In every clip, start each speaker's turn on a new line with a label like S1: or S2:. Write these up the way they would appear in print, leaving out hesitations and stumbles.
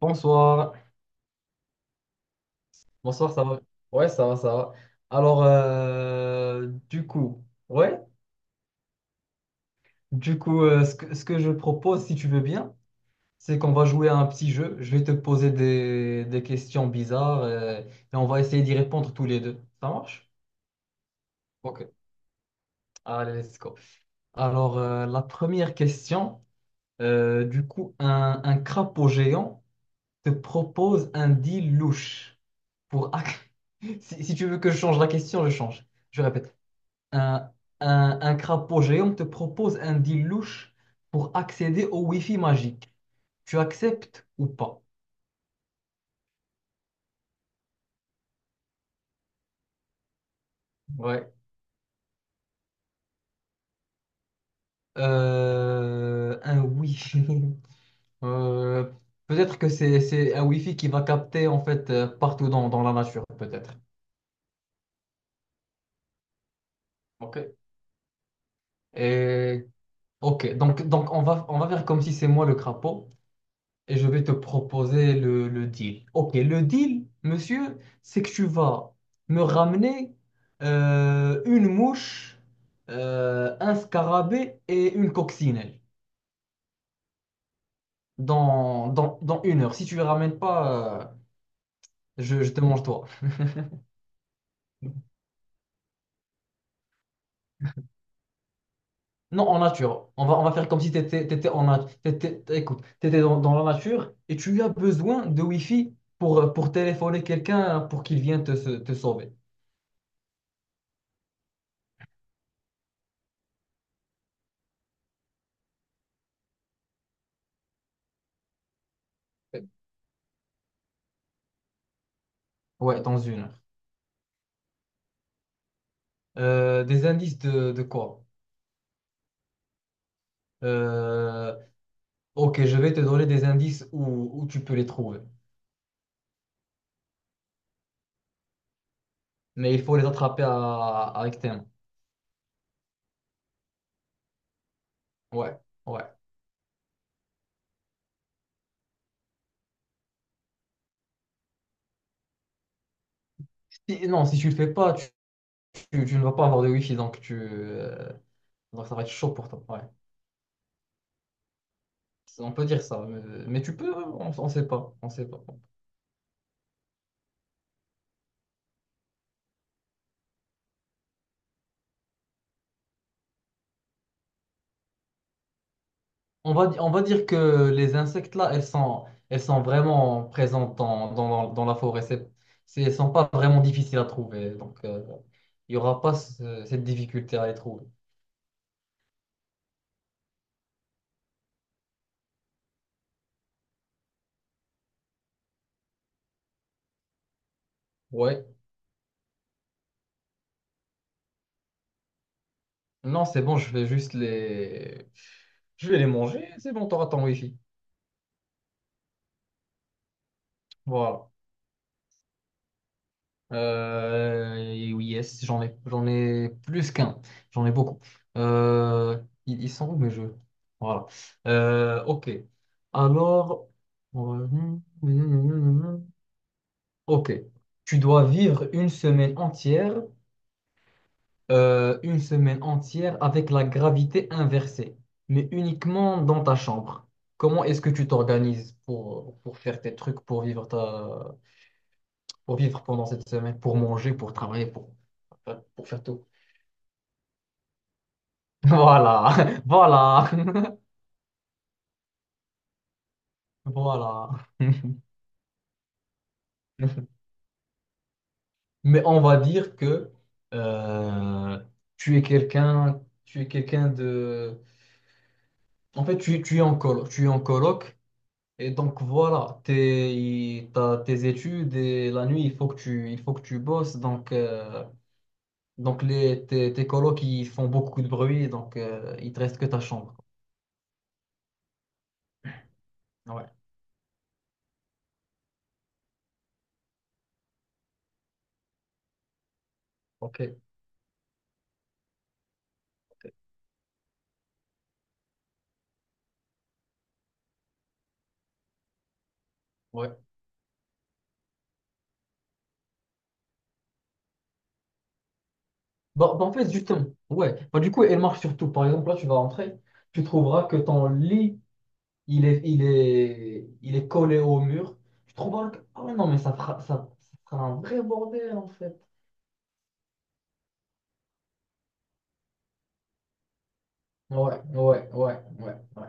S1: Bonsoir, bonsoir, ça va? Ouais, ça va, ça va. Alors, du coup, ouais, ce que je propose, si tu veux bien, c'est qu'on va jouer à un petit jeu. Je vais te poser des questions bizarres et on va essayer d'y répondre tous les deux. Ça marche? Ok, allez, let's go. Alors, la première question, du coup, un crapaud géant te propose un deal louche pour. Si tu veux que je change la question, je change. Je répète. Un, un crapaud géant te propose un deal louche pour accéder au Wi-Fi magique. Tu acceptes ou pas? Ouais. Un Wi-Fi. Euh, peut-être que c'est un Wi-Fi qui va capter en fait partout dans la nature, peut-être. Ok. Et ok, donc on va faire comme si c'est moi le crapaud. Et je vais te proposer le deal. Ok, le deal, monsieur, c'est que tu vas me ramener une mouche, un scarabée et une coccinelle dans 1 heure. Si tu ne les ramènes pas, je te mange toi. Non, en nature. On va faire comme si tu étais, en nat- t'étais- écoute, t'étais dans la nature et tu as besoin de Wi-Fi pour téléphoner quelqu'un pour qu'il vienne te sauver. Ouais, dans 1 heure. Des indices de quoi? Euh, ok, je vais te donner des indices où tu peux les trouver. Mais il faut les attraper avec tes mains. Ouais, ouais. Non, si tu le fais pas, tu ne vas pas avoir de wifi, donc donc ça va être chaud pour toi. Ouais. On peut dire ça, mais on sait pas, on sait pas. On va dire que les insectes là, elles sont vraiment présentes dans la forêt. Elles sont pas vraiment difficiles à trouver, donc, il n'y aura pas cette difficulté à les trouver. Ouais. Non, c'est bon, Je vais les manger, c'est bon, t'auras ton wifi. Voilà. Oui, yes, j'en ai plus qu'un. J'en ai beaucoup. Ils sont où mes jeux? Voilà. Ok. Alors... on va- Ok. Tu dois vivre une semaine entière avec la gravité inversée, mais uniquement dans ta chambre. Comment est-ce que tu t'organises pour faire tes trucs, pour vivre pendant cette semaine, pour manger, pour travailler, pour, enfin, pour faire tout? Voilà, voilà, voilà. Mais on va dire que euh, tu es quelqu'un de. En fait, tu es en colo tu es en coloc. Et donc voilà, t'as tes études et la nuit, il faut que tu bosses. Donc, tes colocs, ils font beaucoup de bruit, donc il te reste que ta chambre. Ouais, ok. Ok, ouais. Bah, en fait, justement, ouais. Bah, du coup, elle marche surtout. Par exemple, là, tu vas rentrer, tu trouveras que ton lit, il est collé au mur. Tu trouveras ah ouais, non, mais ça fera un vrai bordel, en fait. Ouais, ouais, ouais, ouais, ouais.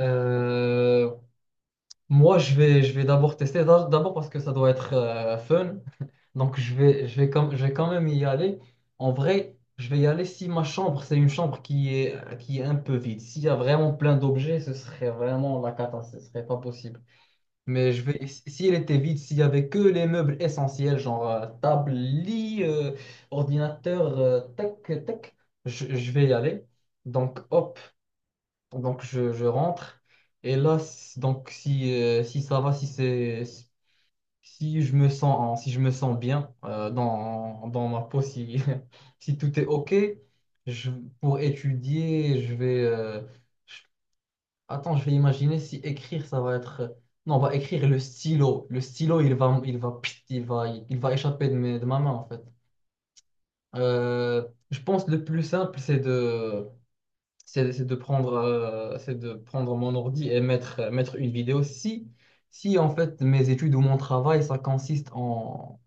S1: Euh, moi, je vais d'abord tester, d'abord parce que ça doit être fun. Donc, je vais quand même y aller. En vrai, je vais y aller si ma chambre, c'est une chambre qui est un peu vide. S'il y a vraiment plein d'objets, ce serait vraiment la cata, ce serait pas possible. Mais je vais, si si elle était vide, s'il y avait que les meubles essentiels, genre table, lit, ordinateur, tac, tac, je vais y aller. Donc, hop. Donc, je rentre. Et là, donc, si ça va, si je me sens, en- si je me sens bien dans ma peau, si, si tout est OK, je, pour étudier, je vais. Je- Attends, je vais imaginer si écrire, ça va être. Non, on va écrire le stylo. Le stylo, il va échapper de ma main, en fait. Je pense que le plus simple, c'est de prendre mon ordi et mettre une vidéo. Si en fait mes études ou mon travail, ça consiste en,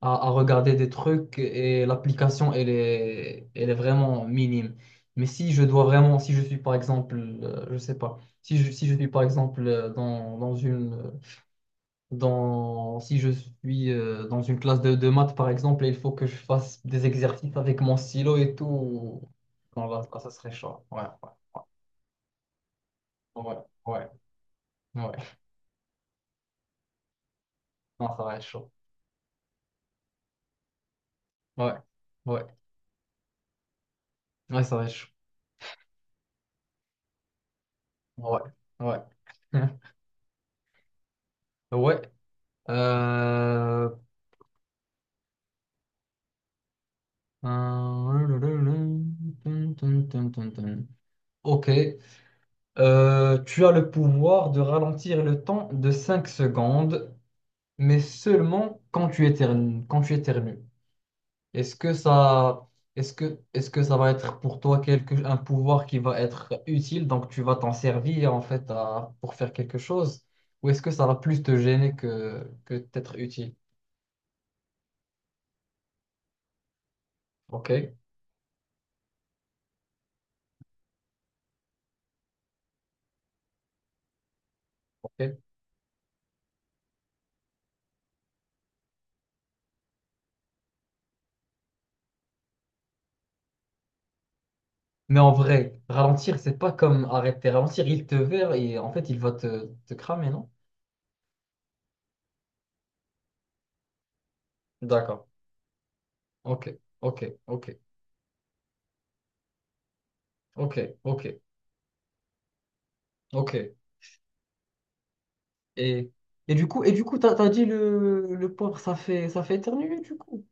S1: à, à regarder des trucs et l'application, elle est vraiment minime. Mais si je suis par exemple, je sais pas, si je suis par exemple dans, dans une, dans, si je suis dans une classe de maths par exemple, et il faut que je fasse des exercices avec mon stylo et tout, bon, là, ça serait chaud. Ouais, ouais. Ouais, ouais, ouais. Non, ça va être chaud. Ouais, ouais, ouais, ça va être chaud. Ouais, ouais. Ouais. Euh... euh, Ok. Tu as le pouvoir de ralentir le temps de 5 secondes, mais seulement quand tu éternues, quand tu éternues. Est-ce que ça, est-ce que ça va être pour toi un pouvoir qui va être utile, donc tu vas t'en servir en fait pour faire quelque chose, ou est-ce que ça va plus te gêner que t'être utile? Ok, ok. Mais en vrai, ralentir, c'est pas comme arrêter. Ralentir, il te verra et en fait, il va te cramer, non? D'accord. Ok, ok, ok, ok, ok, ok. Et, et du coup, t'as dit le porc, ça fait éternuer, du coup.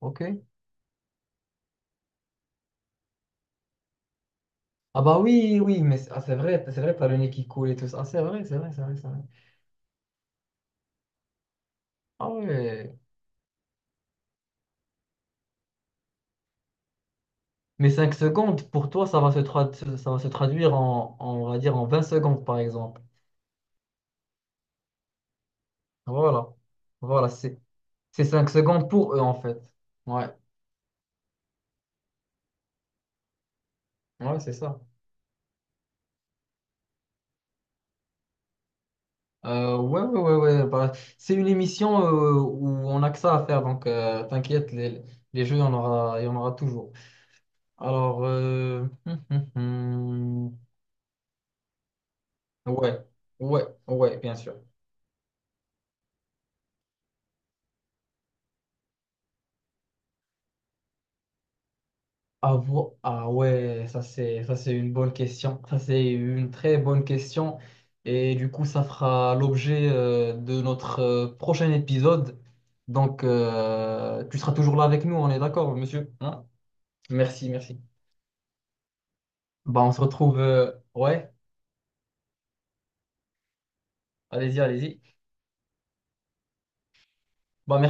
S1: Ok. Ah bah oui, oui, mais c'est ah, c'est vrai, t'as le nez qui coule et tout ça. Ah, c'est vrai, c'est vrai, c'est vrai, c'est vrai. Ah ouais. Mais 5 secondes, pour toi, ça va se traduire on va dire, en 20 secondes, par exemple. Voilà. Voilà, c'est 5 secondes pour eux, en fait. Ouais, ouais, c'est ça. Ouais, ouais, ouais, ouais. Bah, c'est une émission où on a que ça à faire, donc t'inquiète, les jeux, il y en aura toujours. Alors, hum. Ouais, ouais, ouais, bien sûr. Ah, ah ouais, ça c'est une bonne question. Ça c'est une très bonne question. Et du coup, ça fera l'objet de notre prochain épisode. Tu seras toujours là avec nous, on est d'accord, monsieur, hein? Merci, merci. Bah, on se retrouve. Ouais, allez-y, allez-y. Bah,